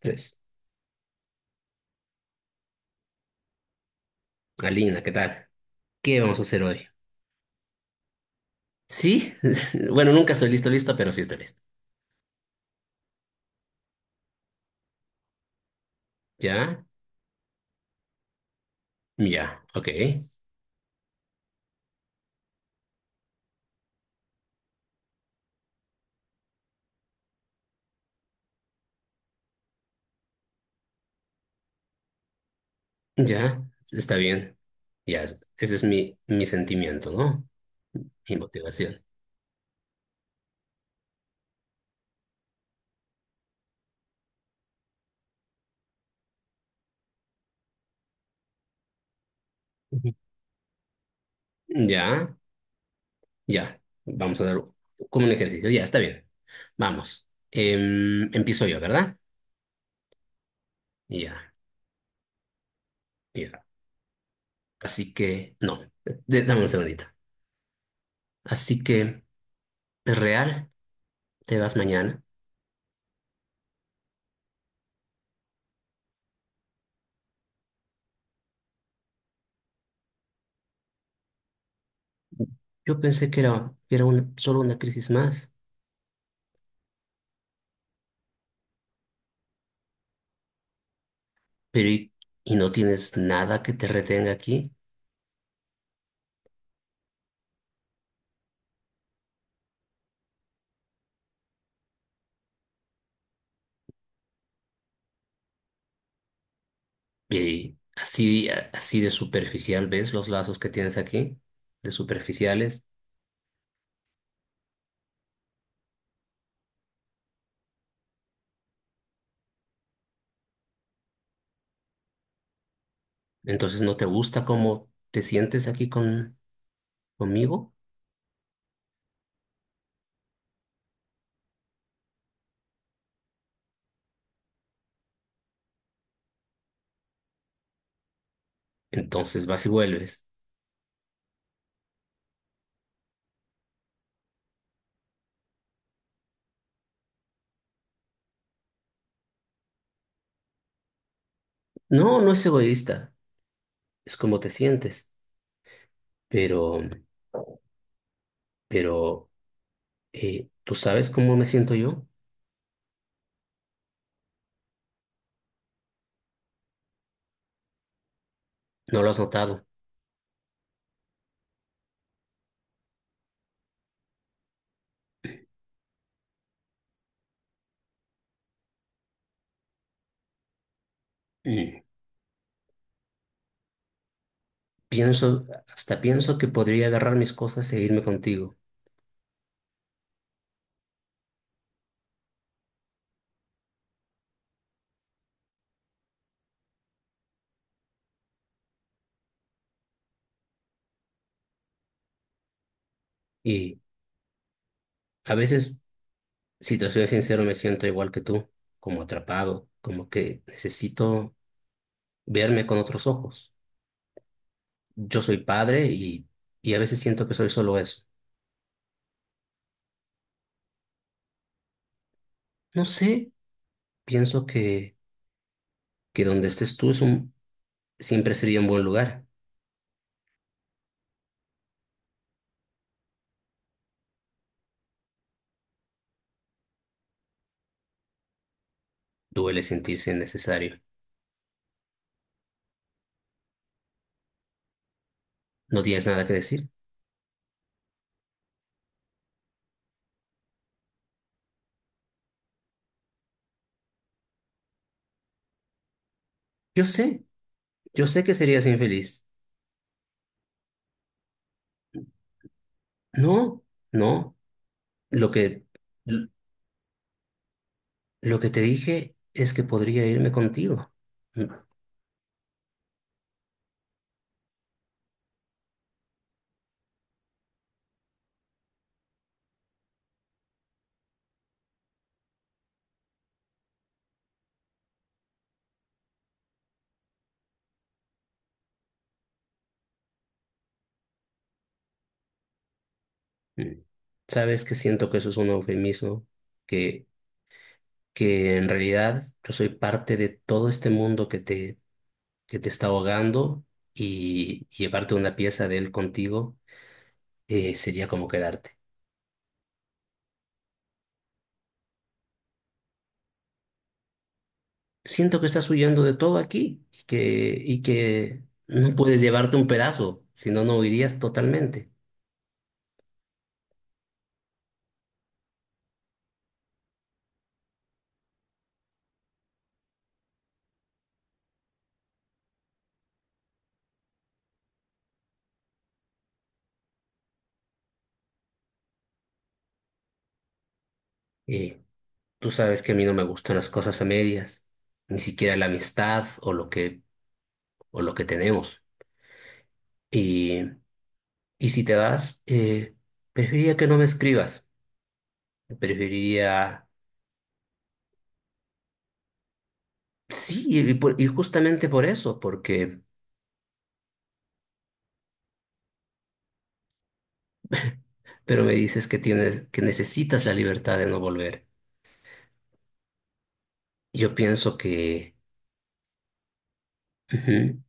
Tres. Alina, ¿qué tal? ¿Qué vamos a hacer hoy? Sí, bueno, nunca estoy listo, listo, pero sí estoy listo. ¿Ya? Ya, ok. Ya, está bien. Ya, ese es mi sentimiento, ¿no? Mi motivación. Ujú. Ya, ya. Vamos a dar como un ejercicio. Ya, está bien. Vamos. Empiezo yo, ¿verdad? Ya, ya. Así que, no, dame un segundito. Así que, ¿es real? ¿Te vas mañana? Yo pensé que era solo una crisis más. Pero y no tienes nada que te retenga aquí. Y así, así de superficial, ¿ves los lazos que tienes aquí? De superficiales. Entonces no te gusta cómo te sientes conmigo. Entonces vas y vuelves. No, no es egoísta. Es como te sientes. Pero, pero, ¿tú sabes cómo me siento yo? No lo has notado. Mm. Pienso, hasta pienso que podría agarrar mis cosas e irme contigo. Y a veces, si te soy sincero, me siento igual que tú, como atrapado, como que necesito verme con otros ojos. Yo soy padre y a veces siento que soy solo eso. No sé, pienso que donde estés tú siempre sería un buen lugar. Duele sentirse innecesario. No tienes nada que decir. Yo sé, yo sé que serías infeliz. No, no. Lo que, lo que te dije es que podría irme contigo. Mm. Sabes que siento que eso es un eufemismo, que, que en realidad yo soy parte de todo este mundo que te está ahogando y llevarte una pieza de él contigo, sería como quedarte. Siento que estás huyendo de todo aquí y que no puedes llevarte un pedazo, si no, no huirías totalmente. Y tú sabes que a mí no me gustan las cosas a medias, ni siquiera la amistad o lo que tenemos. Y si te vas, preferiría que no me escribas. Preferiría, sí, y justamente por eso, porque, pero me dices que tienes, que necesitas la libertad de no volver. Yo pienso que, ujú,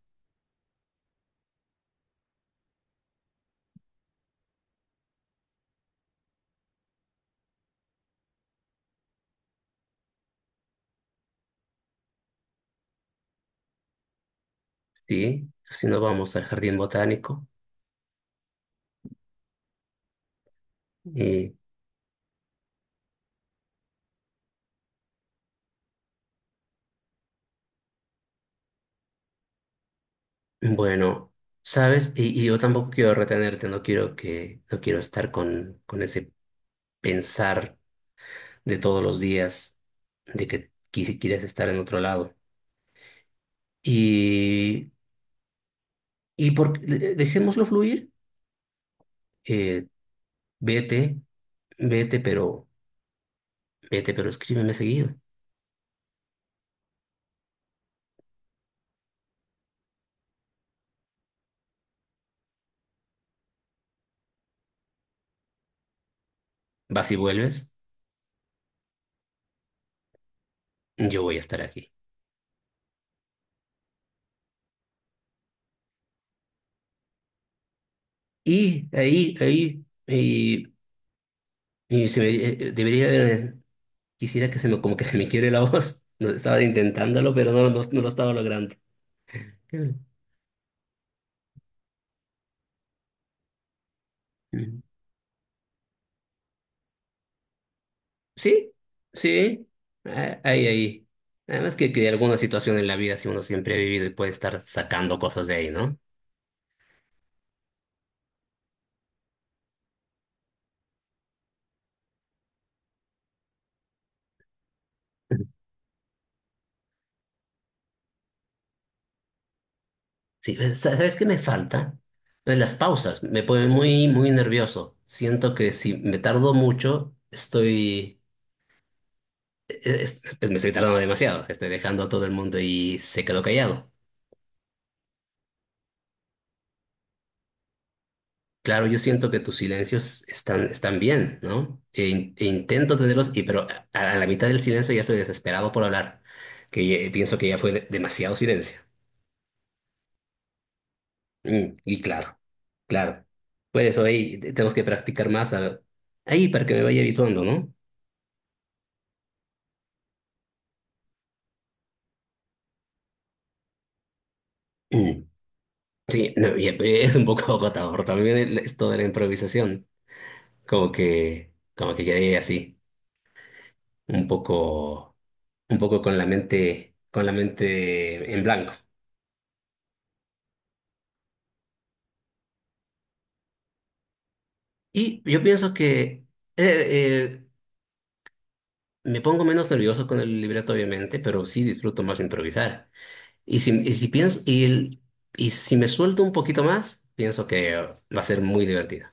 sí, si no vamos al jardín botánico. Y bueno, ¿sabes? Y yo tampoco quiero retenerte, no quiero que, no quiero con ese pensar de todos los días de que quieres estar en otro lado. Y, y por, dejémoslo fluir. eh, vete, vete, pero vete, pero escríbeme seguido. Vas y vuelves, yo voy a estar aquí. Y ahí, ahí, y se me, debería haber, quisiera que se me, como que se me quiebre la voz. No, estaba intentándolo, pero no, no, no lo estaba logrando. Mm. Sí, sí, ah, ahí, ahí. Además que alguna situación en la vida, si uno siempre ha vivido y puede estar sacando cosas de ahí, ¿no? Sí, pues, ¿sabes qué me falta? Pues las pausas, me pone muy, muy nervioso. Siento que si me tardo mucho, estoy, pues, me estoy tardando demasiado, o sea, estoy dejando a todo el mundo y se quedó callado. Claro, yo siento que tus silencios están, están bien, ¿no? E intento tenerlos, y, pero a la mitad del silencio ya estoy desesperado por hablar, pienso que ya fue demasiado silencio. Mm, y claro, claro. Por eso ahí tenemos que practicar más ahí para que me vaya habituando, ¿no? Mm. Sí, no, y es un poco agotador también esto de la improvisación. Como que quedé así, un poco, un poco con la mente en blanco. Y yo pienso que eh, me pongo menos nervioso con el libreto, obviamente, pero sí disfruto más improvisar. Y si pienso, y, el- y si me suelto un poquito más, pienso que va a ser muy divertido.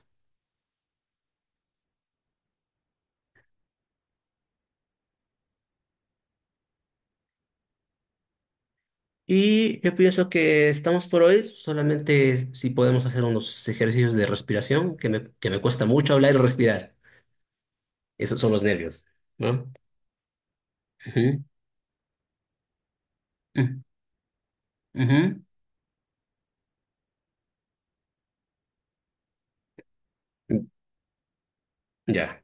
Y yo pienso que estamos por hoy, solamente si podemos hacer unos ejercicios de respiración, que me cuesta mucho hablar y respirar. Esos son los nervios, ¿no? Ujú, mm, ujú. Mm, ya,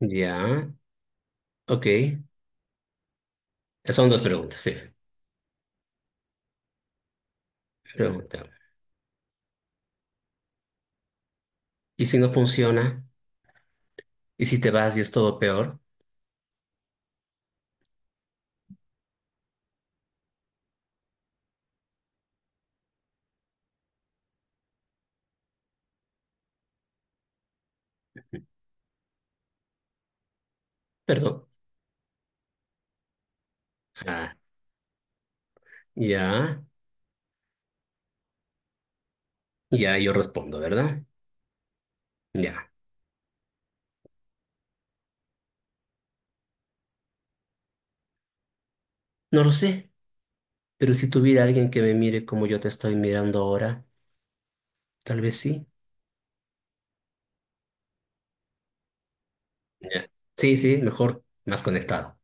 ya, ok. Son dos preguntas, sí. Pregunta. ¿Y si no funciona? ¿Y si te vas y es todo peor? Perdón. Ah, ya, ya, yo respondo, ¿verdad? Ya. No lo sé, pero si tuviera alguien que me mire como yo te estoy mirando ahora, tal vez sí. Ya. Sí, sí, mejor más conectado.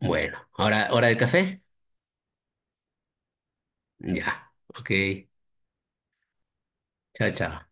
Bueno, ahora hora del café. Ya. Ok. Chao, chao.